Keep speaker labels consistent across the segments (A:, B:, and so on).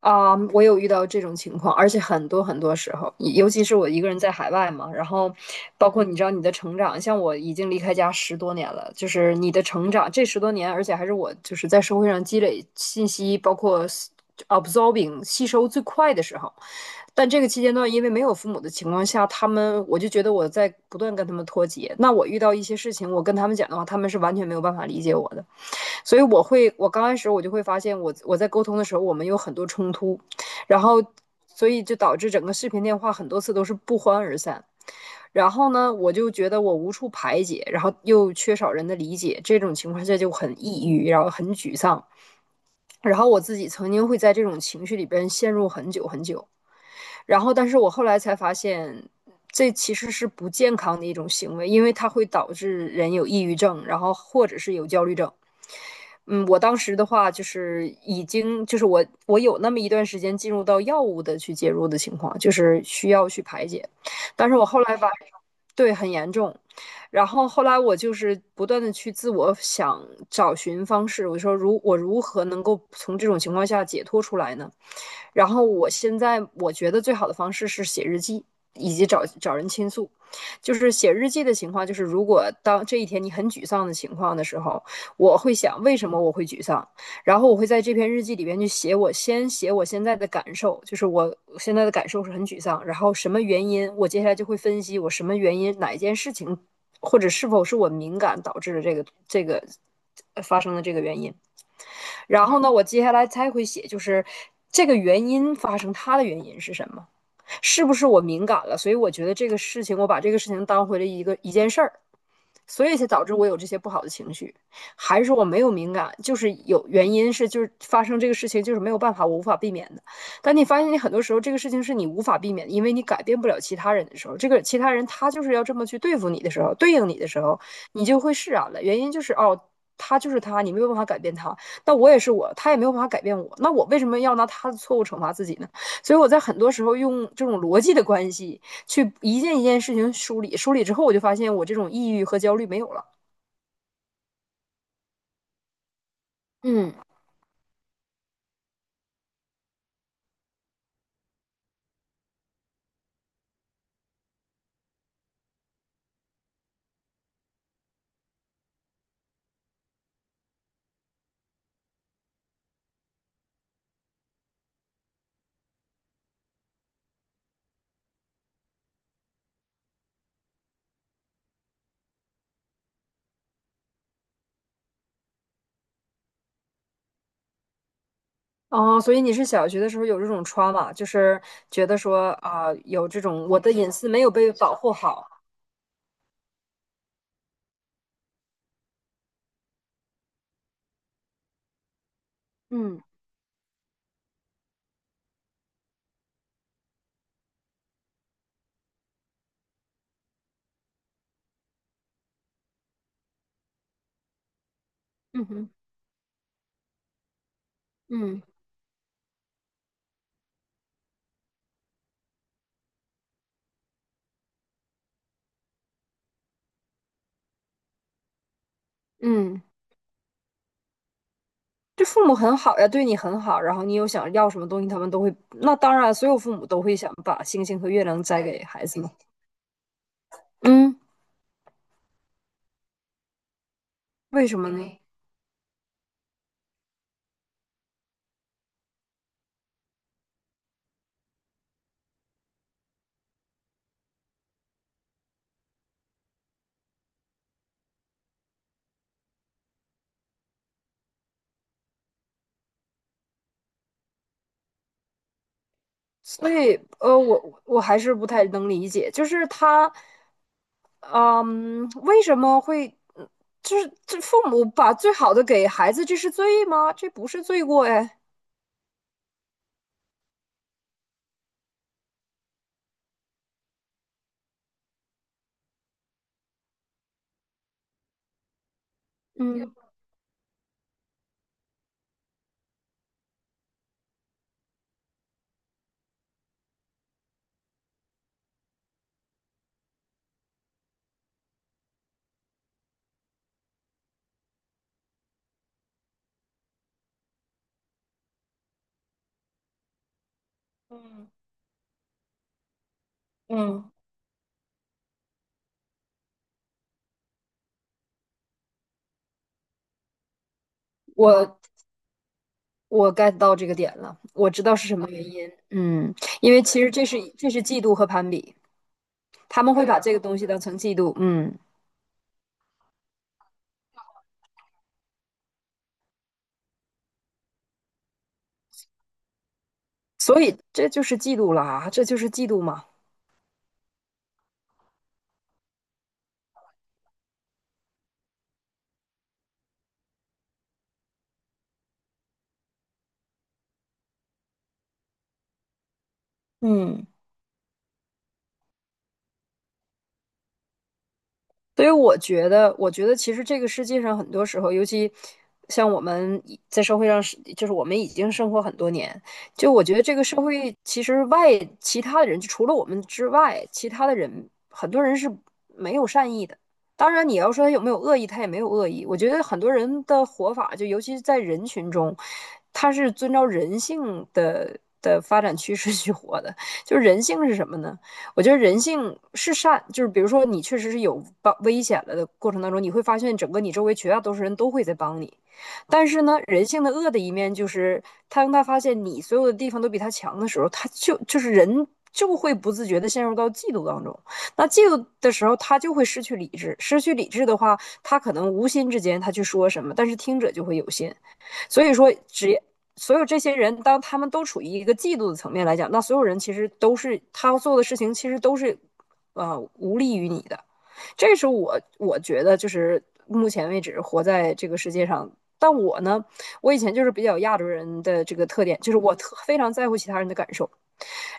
A: 啊，我有遇到这种情况，而且很多很多时候，尤其是我一个人在海外嘛。然后包括你知道你的成长，像我已经离开家十多年了，就是你的成长这十多年，而且还是我就是在社会上积累信息，包括absorbing 吸收最快的时候。但这个期间段，因为没有父母的情况下，我就觉得我在不断跟他们脱节。那我遇到一些事情，我跟他们讲的话，他们是完全没有办法理解我的。所以我刚开始我就会发现我在沟通的时候，我们有很多冲突，然后所以就导致整个视频电话很多次都是不欢而散。然后呢，我就觉得我无处排解，然后又缺少人的理解，这种情况下就很抑郁，然后很沮丧。然后我自己曾经会在这种情绪里边陷入很久很久。但是我后来才发现，这其实是不健康的一种行为，因为它会导致人有抑郁症，然后或者是有焦虑症。我当时的话就是已经就是我有那么一段时间进入到药物的去介入的情况，就是需要去排解。但是我后来把对，很严重。然后后来我就是不断的去自我想找寻方式，我说我如何能够从这种情况下解脱出来呢？然后我现在我觉得最好的方式是写日记，以及找找人倾诉。就是写日记的情况，就是如果当这一天你很沮丧的情况的时候，我会想为什么我会沮丧。然后我会在这篇日记里边去写，我先写我现在的感受，就是我现在的感受是很沮丧，然后什么原因，我接下来就会分析我什么原因，哪一件事情，或者是否是我敏感导致的这个发生的这个原因。然后呢，我接下来才会写，就是这个原因发生它的原因是什么。是不是我敏感了？所以我觉得这个事情，我把这个事情当回了一件事儿，所以才导致我有这些不好的情绪。还是说我没有敏感，就是有原因是就是发生这个事情就是没有办法，我无法避免的。但你发现你很多时候这个事情是你无法避免的，因为你改变不了其他人的时候，这个其他人他就是要这么去对付你的时候，对应你的时候，你就会释然了。原因就是哦，他就是他，你没有办法改变他。那我也是我，他也没有办法改变我。那我为什么要拿他的错误惩罚自己呢？所以我在很多时候用这种逻辑的关系去一件一件事情梳理，梳理之后我就发现我这种抑郁和焦虑没有了。嗯，哦，所以你是小学的时候有这种 trauma，就是觉得说啊、有这种我的隐私没有被保护好。嗯嗯哼。嗯嗯。这父母很好呀，对你很好，然后你有想要什么东西，他们都会。那当然，所有父母都会想把星星和月亮摘给孩子嘛。嗯，为什么呢？所以，我还是不太能理解，就是他，嗯，为什么会，嗯就是这父母把最好的给孩子，这是罪吗？这不是罪过哎。嗯，我我 get 到这个点了，我知道是什么原因。嗯，因为其实这是嫉妒和攀比，他们会把这个东西当成嫉妒。嗯，所以这就是嫉妒了啊，这就是嫉妒嘛。嗯。所以我觉得其实这个世界上很多时候，尤其像我们已在社会上是，就是我们已经生活很多年。就我觉得这个社会其实其他的人，就除了我们之外，其他的人很多人是没有善意的。当然，你要说他有没有恶意，他也没有恶意。我觉得很多人的活法，就尤其是在人群中，他是遵照人性的发展趋势去活的。就人性是什么呢？我觉得人性是善，就是比如说你确实是有帮危险了的过程当中，你会发现整个你周围绝大多数人都会在帮你。但是呢，人性的恶的一面就是，他当他发现你所有的地方都比他强的时候，他就就是人就会不自觉的陷入到嫉妒当中。那嫉妒的时候，他就会失去理智，失去理智的话，他可能无心之间他去说什么，但是听者就会有心。所以说，所有这些人，当他们都处于一个嫉妒的层面来讲，那所有人其实都是他做的事情，其实都是无利于你的。这是我觉得就是目前为止活在这个世界上。但我呢，我以前就是比较亚洲人的这个特点，就是我非常在乎其他人的感受。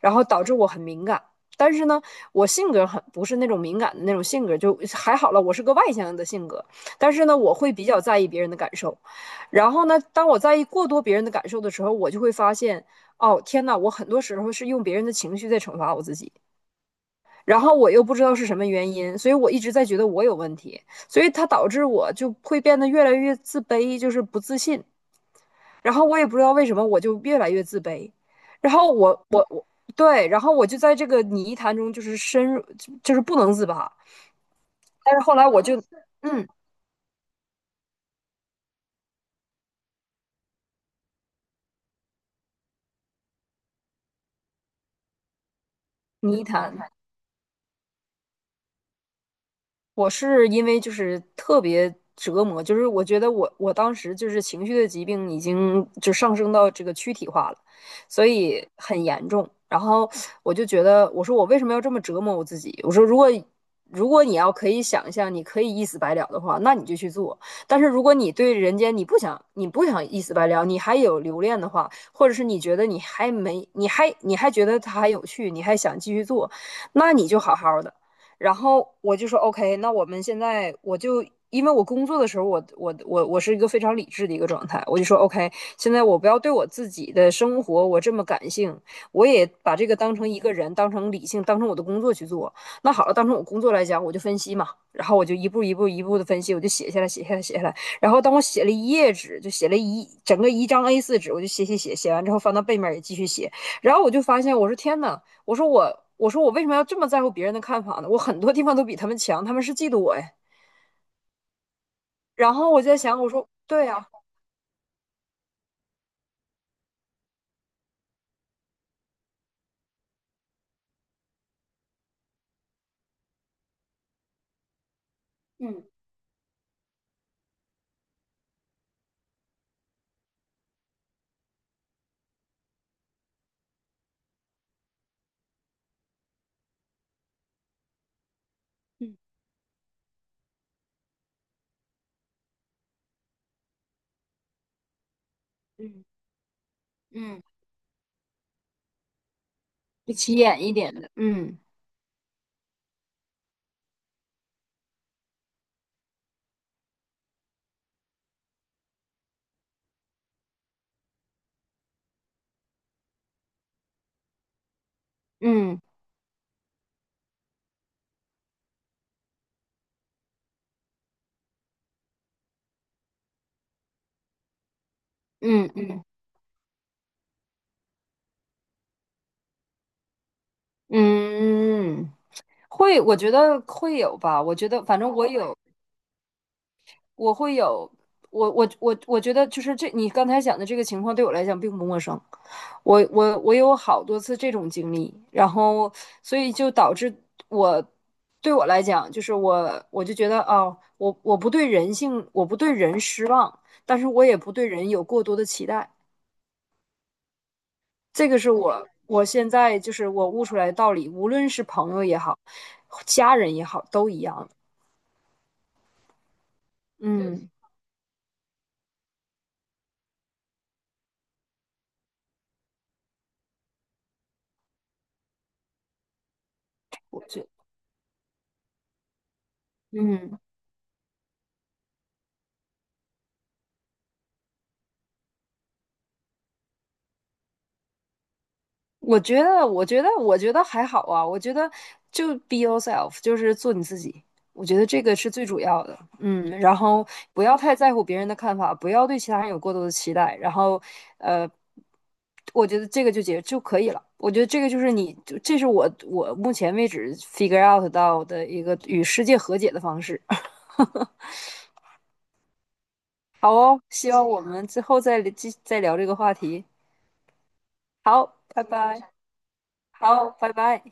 A: 然后导致我很敏感。但是呢，我性格很不是那种敏感的那种性格，就还好了。我是个外向的性格，但是呢，我会比较在意别人的感受。然后呢，当我在意过多别人的感受的时候，我就会发现，哦，天呐，我很多时候是用别人的情绪在惩罚我自己。然后我又不知道是什么原因，所以我一直在觉得我有问题，所以它导致我就会变得越来越自卑，就是不自信。然后我也不知道为什么，我就越来越自卑。然后我我我对，然后我就在这个泥潭中就是深入，就是不能自拔。但是后来我就 嗯，泥潭我是因为就是特别折磨，就是我觉得我当时就是情绪的疾病已经就上升到这个躯体化了，所以很严重。然后我就觉得，我说我为什么要这么折磨我自己？我说如果你要可以想象，你可以一死百了的话，那你就去做。但是如果你对人间你不想一死百了，你还有留恋的话，或者是你觉得你还没你还你还觉得它还有趣，你还想继续做，那你就好好的。然后我就说 OK，那我们现在我就因为我工作的时候，我是一个非常理智的一个状态，我就说 OK，现在我不要对我自己的生活我这么感性，我也把这个当成一个人，当成理性，当成我的工作去做。那好了，当成我工作来讲，我就分析嘛，然后我就一步一步一步的分析，我就写下来，写下来，写下来。然后当我写了一页纸，就写了一整个一张 A4 纸，我就写写写，写完之后翻到背面也继续写。然后我就发现，我说天呐，我说我，我说我为什么要这么在乎别人的看法呢？我很多地方都比他们强，他们是嫉妒我呀。然后我就在想，我说对呀、不起眼一点的，嗯嗯嗯嗯嗯，会，我觉得会有吧。我觉得，反正我有，我会有，我觉得就是这你刚才讲的这个情况对我来讲并不陌生，我有好多次这种经历，然后所以就导致我对我来讲就是我就觉得哦，我不对人性，我不对人失望，但是我也不对人有过多的期待。这个是我现在就是我悟出来的道理，无论是朋友也好，家人也好，都一样。嗯，我觉嗯。我觉得还好啊。我觉得就 be yourself，就是做你自己。我觉得这个是最主要的。嗯，然后不要太在乎别人的看法，不要对其他人有过多的期待。然后，呃，我觉得这个就可以了。我觉得这个就是你，就这是我目前为止 figure out 到的一个与世界和解的方式。好哦，希望我们之后再聊这个话题。好，拜拜。好，拜拜。